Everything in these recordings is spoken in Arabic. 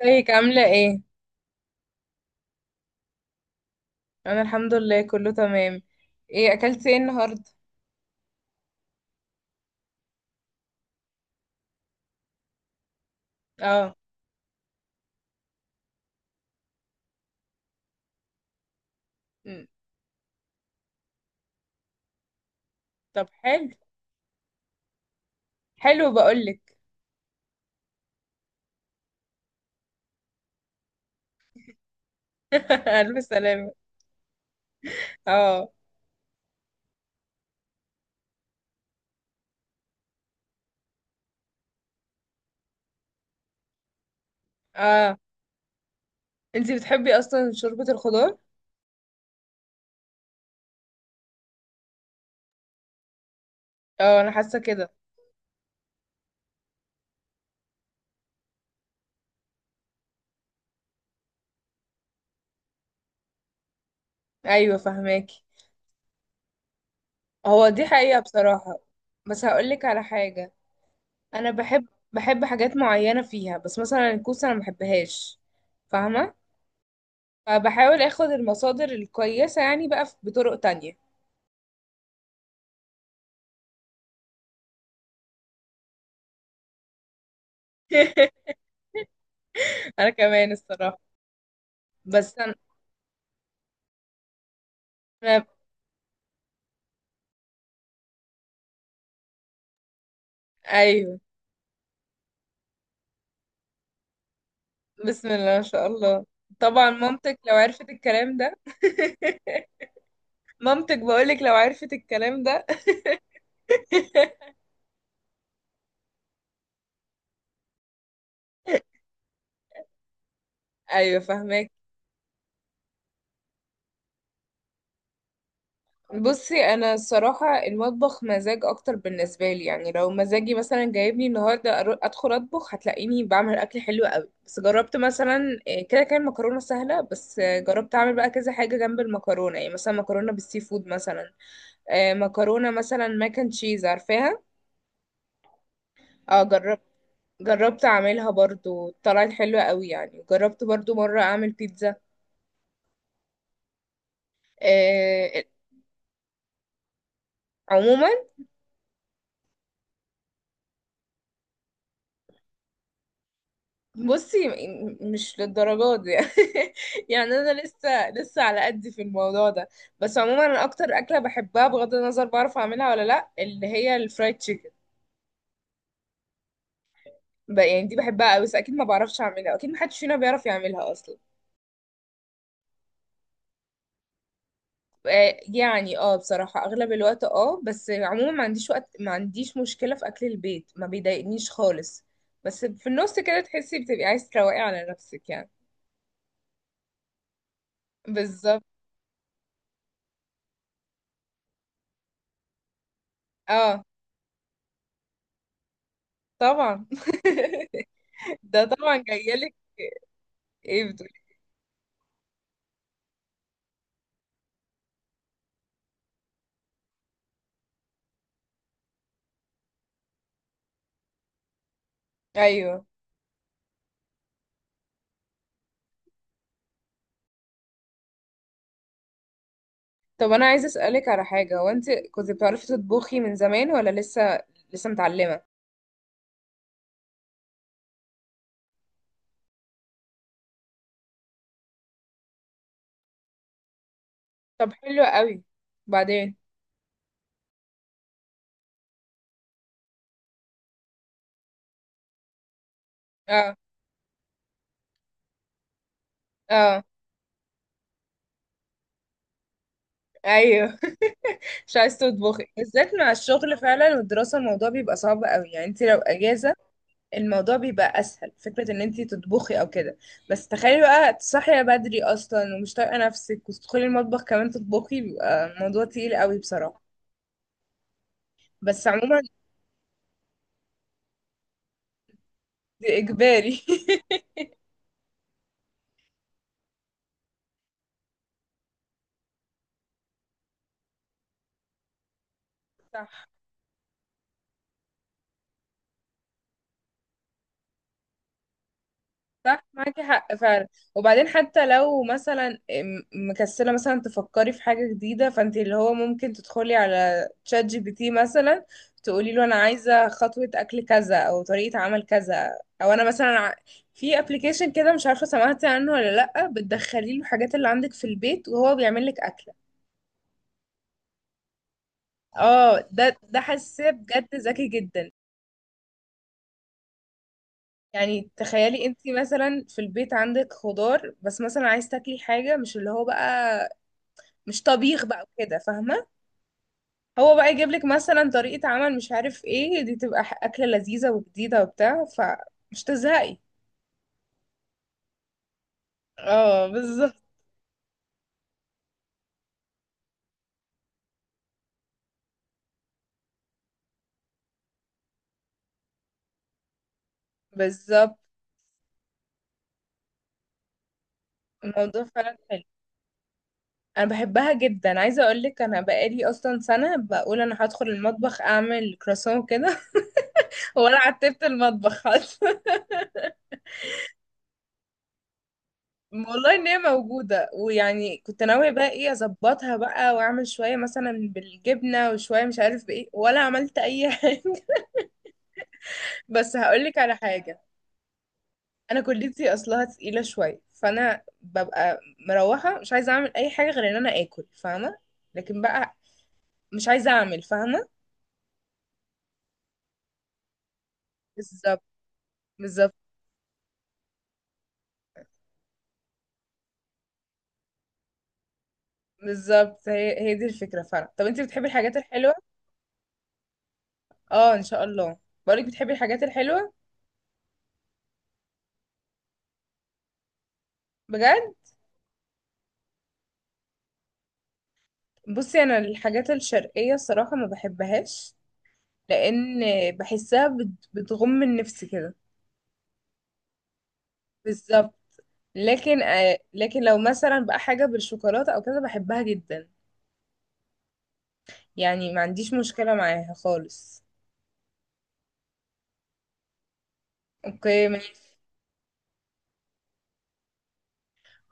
ازيك عاملة ايه؟ انا الحمد لله كله تمام. ايه اكلتي ايه النهاردة؟ اه. مم. طب حلو. حلو بقولك. الف سلامة. اه. اه انتي بتحبي اصلا شوربة الخضار؟ اه انا حاسة كده. ايوه فهماكي. هو دي حقيقة بصراحة. بس هقولك على حاجة، انا بحب حاجات معينة فيها، بس مثلا الكوسة انا مبحبهاش. فاهمة؟ فبحاول اخد المصادر الكويسة يعني بقى بطرق تانية. انا كمان الصراحة. بس ما- ايوه. بسم الله ما شاء الله. طبعا مامتك لو عرفت الكلام ده. مامتك بقولك لو عرفت الكلام ده. ايوه فهماك. بصي انا الصراحه المطبخ مزاج اكتر بالنسبه لي، يعني لو مزاجي مثلا جايبني النهارده ادخل اطبخ هتلاقيني بعمل اكل حلو قوي. بس جربت مثلا إيه، كده كان مكرونه سهله، بس جربت اعمل بقى كذا حاجه جنب المكرونه، يعني مثلا مكرونه بالسي فود مثلا. مكرونه مثلا ماك اند تشيز عارفاها. اه جربت. جربت اعملها برضو طلعت حلوة قوي. يعني جربت برضو مرة اعمل بيتزا. آه. عموما بصي مش للدرجات دي. يعني انا لسه على قد في الموضوع ده. بس عموما انا اكتر اكلة بحبها بغض النظر بعرف اعملها ولا لا، اللي هي الفرايد تشيكن. يعني دي بحبها قوي، بس اكيد ما بعرفش اعملها، اكيد محدش فينا بيعرف يعملها اصلا. يعني اه بصراحة اغلب الوقت اه، بس عموما ما عنديش وقت. ما عنديش مشكلة في اكل البيت، ما بيضايقنيش خالص. بس في النص كده تحسي بتبقي عايز تروقي على نفسك يعني. بالظبط. اه طبعا. ده طبعا جايلك. ايه بتقولي؟ ايوه. طب انا عايزة اسألك على حاجة، هو انت كنت بتعرفي تطبخي من زمان ولا لسه؟ لسه متعلمة. طب حلو قوي. بعدين اه. اه. ايوه. مش عايز تطبخي، بالذات مع الشغل فعلا والدراسة الموضوع بيبقى صعب قوي. يعني انت لو اجازة الموضوع بيبقى اسهل فكره ان انتي تطبخي او كده. بس تخيلي بقى تصحي بدري اصلا ومش طايقه نفسك وتدخلي المطبخ كمان تطبخي، بيبقى الموضوع تقيل قوي بصراحه. بس عموما دي اجباري. صح. صح معاكي حق فعلا. وبعدين حتى لو مثلا مكسله مثلا تفكري في حاجه جديده، فانت اللي هو ممكن تدخلي على تشات جي بي تي مثلا. تقولي له انا عايزه خطوه اكل كذا او طريقه عمل كذا. او انا مثلا في ابلكيشن كده مش عارفه سمعتي عنه ولا لا، بتدخلي له الحاجات اللي عندك في البيت وهو بيعمل لك اكله. اه ده حاسه بجد ذكي جدا. يعني تخيلي انت مثلا في البيت عندك خضار، بس مثلا عايز تاكلي حاجه مش اللي هو بقى مش طبيخ بقى وكده فاهمة. هو بقى يجيب لك مثلا طريقة عمل مش عارف ايه، دي تبقى أكلة لذيذة وجديدة وبتاع، فمش تزهقي. اه بالظبط. بالظبط. الموضوع فعلا حلو. انا بحبها جدا، عايزه اقول لك انا بقالي اصلا سنه بقول انا هدخل المطبخ اعمل كراسون كده. ولا عتبت المطبخ اصلا. والله ان هي موجوده، ويعني كنت ناويه بقى ايه اظبطها بقى واعمل شويه مثلا بالجبنه وشويه مش عارف بايه، ولا عملت اي حاجه. بس هقول لك على حاجه، انا كليتي اصلها تقيله شويه، فانا ببقى مروحه مش عايزه اعمل اي حاجه غير ان انا اكل فاهمه. لكن بقى مش عايزه اعمل فاهمه. بالظبط. بالظبط. بالظبط هي دي الفكره فعلا. طب انت بتحبي الحاجات الحلوه؟ اه ان شاء الله. بقولك بتحبي الحاجات الحلوه؟ بجد. بصي انا الحاجات الشرقيه الصراحه ما بحبهاش، لان بحسها بتغم من نفسي كده. بالظبط. لكن آه، لكن لو مثلا بقى حاجه بالشوكولاته او كده بحبها جدا. يعني ما عنديش مشكلة معاها خالص. اوكي ماشي.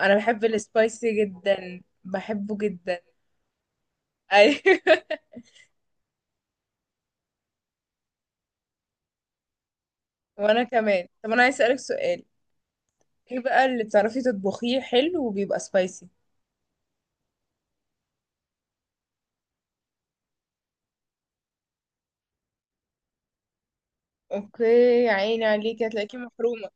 انا بحب السبايسي جدا، بحبه جدا. ايوه. وانا كمان. طب انا عايز اسألك سؤال، ايه بقى اللي بتعرفي تطبخيه حلو وبيبقى سبايسي؟ اوكي. يا عيني عليكي هتلاقيكي محرومة.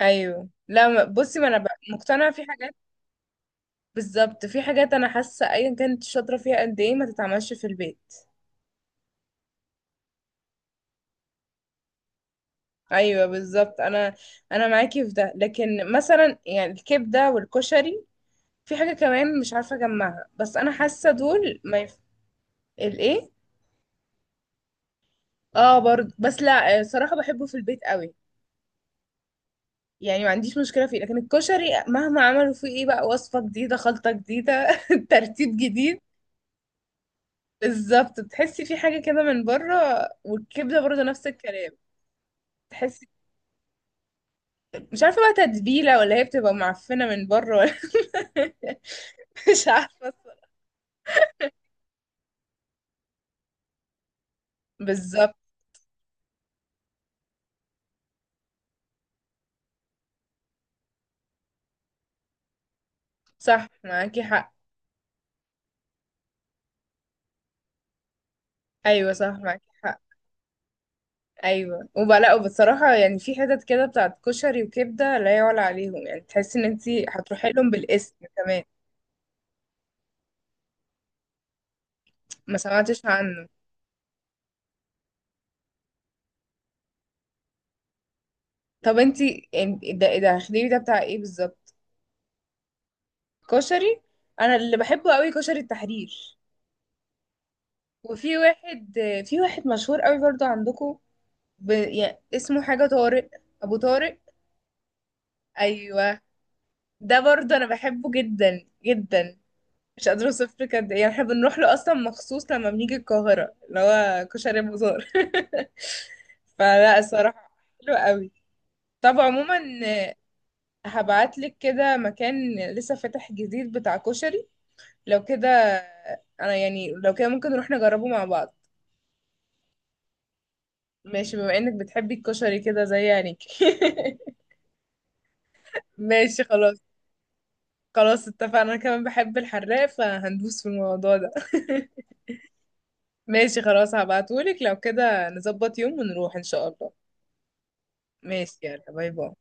ايوه لا بصي ما انا بقى مقتنعة في حاجات. بالظبط. في حاجات انا حاسة ايا كانت شاطرة فيها قد ايه ما تتعملش في البيت. ايوه بالظبط. انا انا معاكي في ده. لكن مثلا يعني الكبدة والكشري، في حاجة كمان مش عارفة اجمعها، بس انا حاسة دول ما يف... الايه؟ اه برضه. بس لا آه، صراحة بحبه في البيت قوي. يعني ما عنديش مشكلة فيه. لكن الكشري مهما عملوا فيه ايه بقى وصفة جديدة، خلطة جديدة، ترتيب جديد. بالظبط. بتحسي في حاجة كده من بره. والكبدة برضه نفس الكلام. تحسي. مش عارفة بقى تتبيلة، ولا هي بتبقى معفنة من بره، ولا مش عارفة الصراحة. بالظبط. صح معاكي حق. ايوه صح معاكي حق. ايوه وبقى لا، وبصراحه يعني في حتت كده بتاعت كشري وكبده لا يعلى عليهم. يعني تحسي ان انتي هتروحي لهم بالاسم كمان. ما سمعتش عنه. طب انتي ده ده خديوي ده بتاع ايه بالظبط؟ كشري؟ انا اللي بحبه قوي كشري التحرير. وفي واحد. في واحد مشهور قوي برضو عندكم، ب... يعني اسمه حاجه طارق. ابو طارق. ايوه ده برضو انا بحبه جدا جدا. مش قادرة اوصف لك قد ايه، يعني احنا بنروح له اصلا مخصوص لما بنيجي القاهرة، اللي هو كشري أبو زار. فلا الصراحة حلو قوي. طب عموما هبعت لك كده مكان لسه فاتح جديد بتاع كشري، لو كده انا يعني لو كده ممكن نروح نجربه مع بعض. ماشي. بما انك بتحبي الكشري كده زي يعني. ماشي خلاص. خلاص اتفقنا. انا كمان بحب الحراق، فهندوس في الموضوع ده. ماشي خلاص هبعتهولك لو كده نظبط يوم ونروح ان شاء الله. ماشي يلا باي باي.